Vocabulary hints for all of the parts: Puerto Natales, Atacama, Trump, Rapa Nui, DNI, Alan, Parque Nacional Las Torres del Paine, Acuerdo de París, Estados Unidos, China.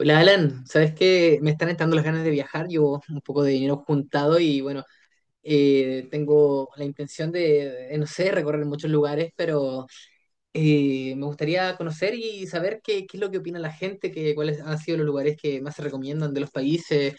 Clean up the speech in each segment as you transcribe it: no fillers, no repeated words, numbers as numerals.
Hola Alan, ¿sabes qué? Me están entrando las ganas de viajar, llevo un poco de dinero juntado y bueno, tengo la intención de, no sé, recorrer muchos lugares, pero me gustaría conocer y saber qué es lo que opina la gente, que, cuáles han sido los lugares que más se recomiendan de los países,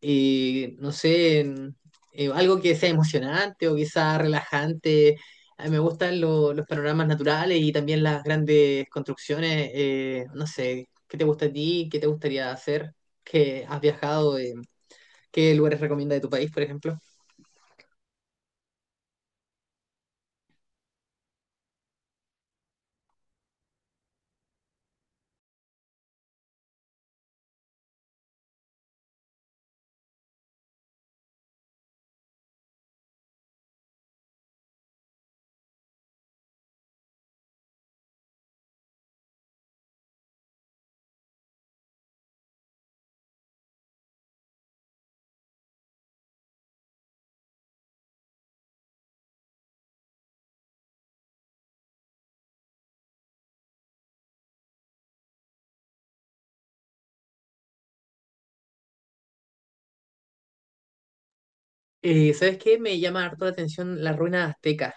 no sé, algo que sea emocionante o quizá relajante. A mí me gustan los panoramas naturales y también las grandes construcciones. No sé, ¿qué te gusta a ti? ¿Qué te gustaría hacer? ¿Qué has viajado? ¿Qué lugares recomienda de tu país, por ejemplo? ¿Sabes qué? Me llama harto la atención las ruinas aztecas.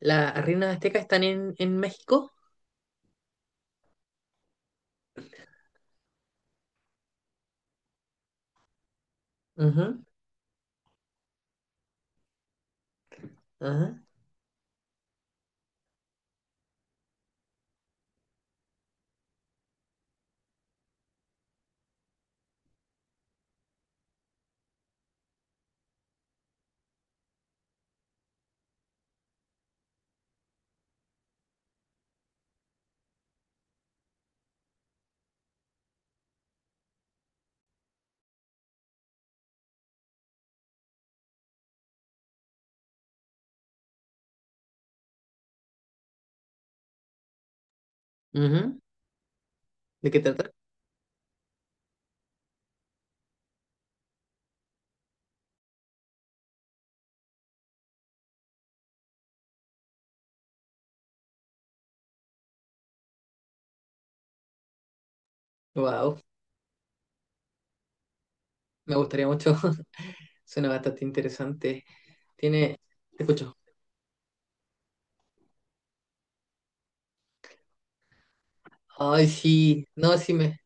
¿Las ruinas aztecas están en México? Ujú, ajá, ujú. ¿De qué trata? Wow, me gustaría mucho. Suena bastante interesante. Tiene, te escucho. Ay, sí, no,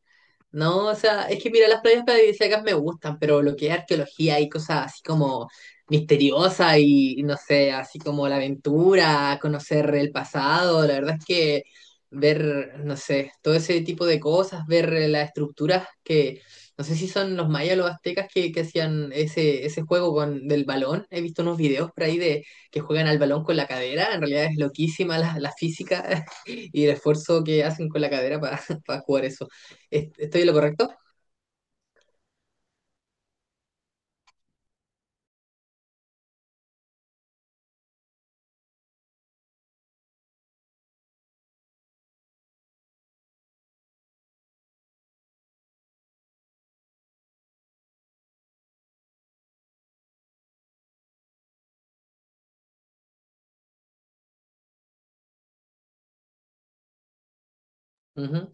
no, o sea, es que mira, las playas paradisíacas me gustan, pero lo que es arqueología y cosas así como misteriosas y no sé, así como la aventura, conocer el pasado, la verdad es que ver, no sé, todo ese tipo de cosas, ver las estructuras que, no sé si son los mayas o los aztecas que hacían ese juego con, del balón, he visto unos videos por ahí de que juegan al balón con la cadera, en realidad es loquísima la física y el esfuerzo que hacen con la cadera para jugar eso. ¿Estoy en lo correcto? Ujú,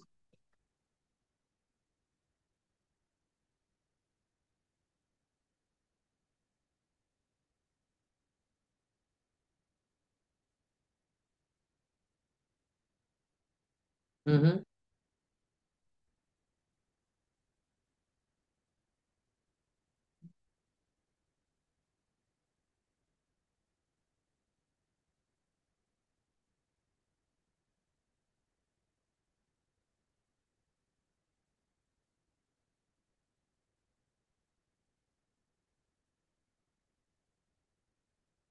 ujú.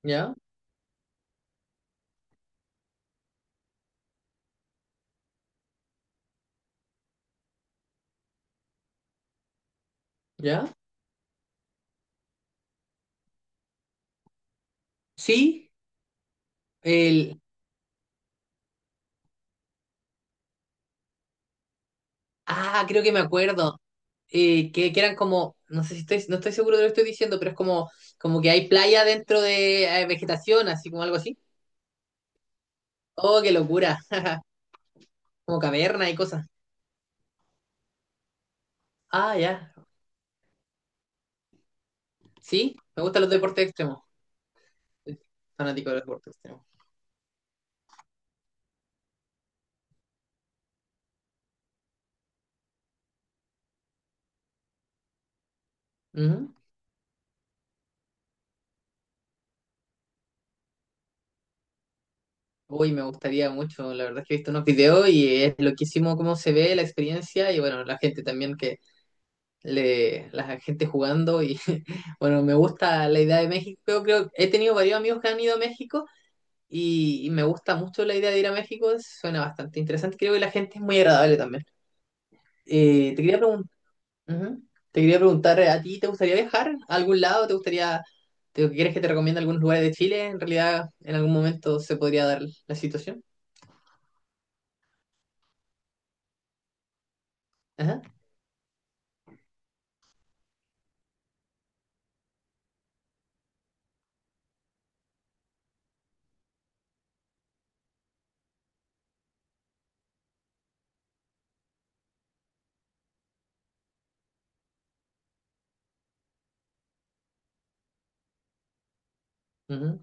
¿Ya? ¿Ya? Sí, el... Ah, creo que me acuerdo. Que eran como, no sé si estoy, no estoy seguro de lo que estoy diciendo, pero es como, como que hay playa dentro de vegetación, así como algo así. Oh, qué locura. Como caverna y cosas. Ah, ya. Sí, me gustan los deportes extremos. Soy fanático de los deportes extremos. Ujú. Uy, me gustaría mucho. La verdad es que he visto unos videos y es loquísimo cómo se ve la experiencia y bueno, la gente también que la gente jugando y bueno, me gusta la idea de México. He tenido varios amigos que han ido a México y me gusta mucho la idea de ir a México, suena bastante interesante. Creo que la gente es muy agradable también. Te quería preguntar, te quería preguntar, ¿a ti te gustaría viajar a algún lado? ¿Te gustaría, te, quieres que te recomiende algunos lugares de Chile? En realidad, en algún momento se podría dar la situación. Ajá. Ujú,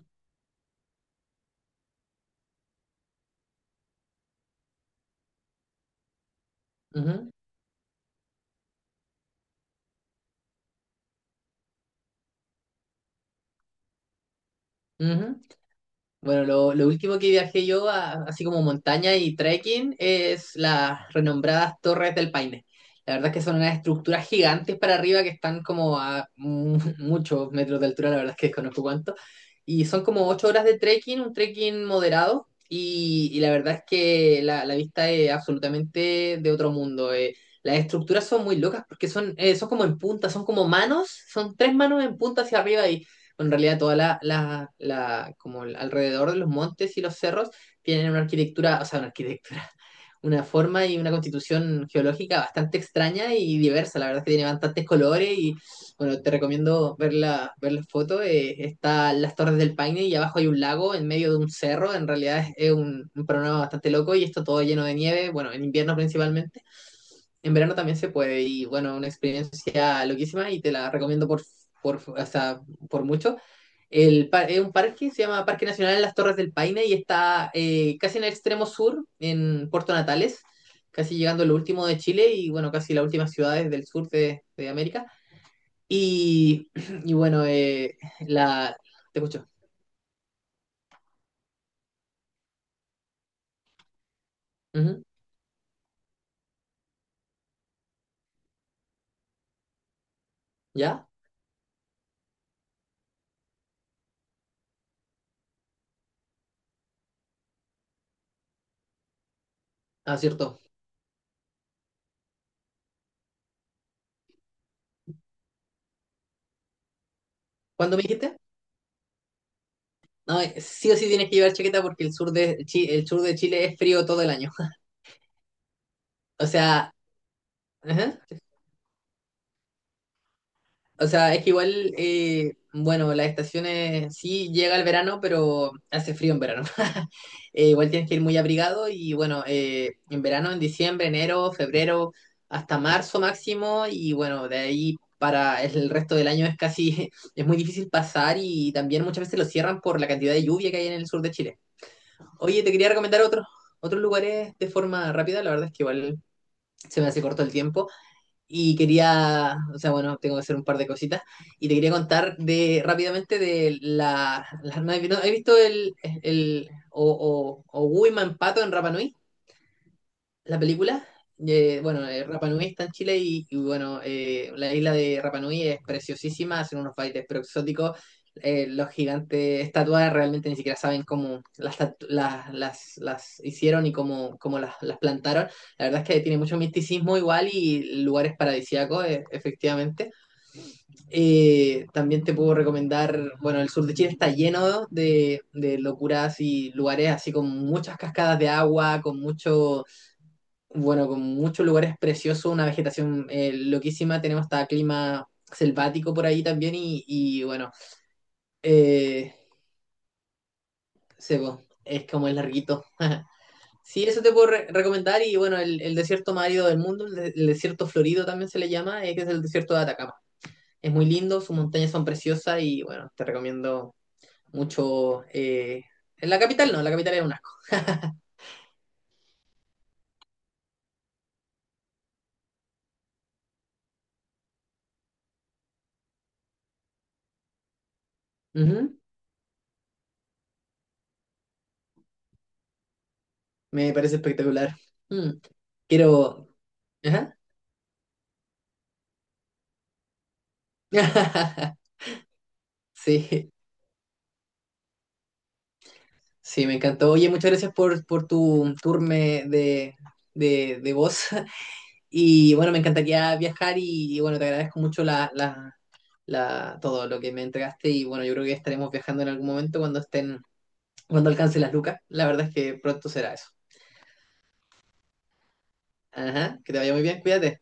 ujú, ujú. Bueno, lo último que viajé yo, así como montaña y trekking, es las renombradas Torres del Paine. La verdad es que son unas estructuras gigantes para arriba que están como a muchos metros de altura, la verdad es que desconozco cuánto. Y son como ocho horas de trekking, un trekking moderado. Y la verdad es que la vista es absolutamente de otro mundo. Las estructuras son muy locas porque son, son como en punta, son como manos, son tres manos en punta hacia arriba, en realidad toda como alrededor de los montes y los cerros tienen una arquitectura, o sea, una arquitectura, una forma y una constitución geológica bastante extraña y diversa. La verdad es que tiene bastantes colores y bueno, te recomiendo ver la, ver las fotos. Está las Torres del Paine y abajo hay un lago en medio de un cerro. En realidad es un panorama bastante loco y esto todo lleno de nieve, bueno, en invierno principalmente. En verano también se puede y bueno, una experiencia loquísima y te la recomiendo o sea, por mucho. Es un parque, se llama Parque Nacional Las Torres del Paine y está casi en el extremo sur, en Puerto Natales, casi llegando a lo último de Chile y bueno, casi las últimas ciudades del sur de América. Y, y bueno, la... Te escucho. Ujú. ¿Ya? Ah, cierto. ¿Cuándo me dijiste? No, sí o sí tienes que llevar chaqueta porque el sur el sur de Chile es frío todo el año. O sea, ajá. Sí. O sea, es que igual, bueno, las estaciones sí llega el verano, pero hace frío en verano. Igual tienes que ir muy abrigado y bueno, en verano, en diciembre, enero, febrero, hasta marzo máximo y bueno, de ahí para el resto del año es casi, es muy difícil pasar y también muchas veces lo cierran por la cantidad de lluvia que hay en el sur de Chile. Oye, te quería recomendar otros lugares de forma rápida, la verdad es que igual se me hace corto el tiempo. Y quería, o sea, bueno, tengo que hacer un par de cositas. Y te quería contar de rápidamente de las no he Pinocho. ¿Has visto el o Huima en Pato en Rapa Nui? La película, bueno, Rapa Nui está en Chile y bueno, la isla de Rapa Nui es preciosísima, hacen unos bailes pero exóticos. Los gigantes estatuas realmente ni siquiera saben cómo las hicieron y cómo las plantaron. La verdad es que tiene mucho misticismo igual y lugares paradisíacos, efectivamente. También te puedo recomendar, bueno, el sur de Chile está lleno de locuras y lugares así con muchas cascadas de agua, con mucho, bueno, con muchos lugares preciosos, una vegetación loquísima, tenemos hasta clima selvático por ahí también y bueno, eh, sebo, es como el larguito. Sí, eso te puedo recomendar y bueno, el desierto más árido del mundo, el desierto florido también se le llama, que es el desierto de Atacama. Es muy lindo, sus montañas son preciosas y bueno, te recomiendo mucho. En la capital no, la capital es un asco. Ujú, me parece espectacular. Mm, quiero... Ajá. Sí. Sí, me encantó. Oye, muchas gracias por tu tour de voz. Y bueno, me encantaría viajar bueno, te agradezco mucho todo lo que me entregaste. Y bueno, yo creo que estaremos viajando en algún momento cuando estén, cuando alcance las lucas. La verdad es que pronto será eso. Ajá, que te vaya muy bien, cuídate.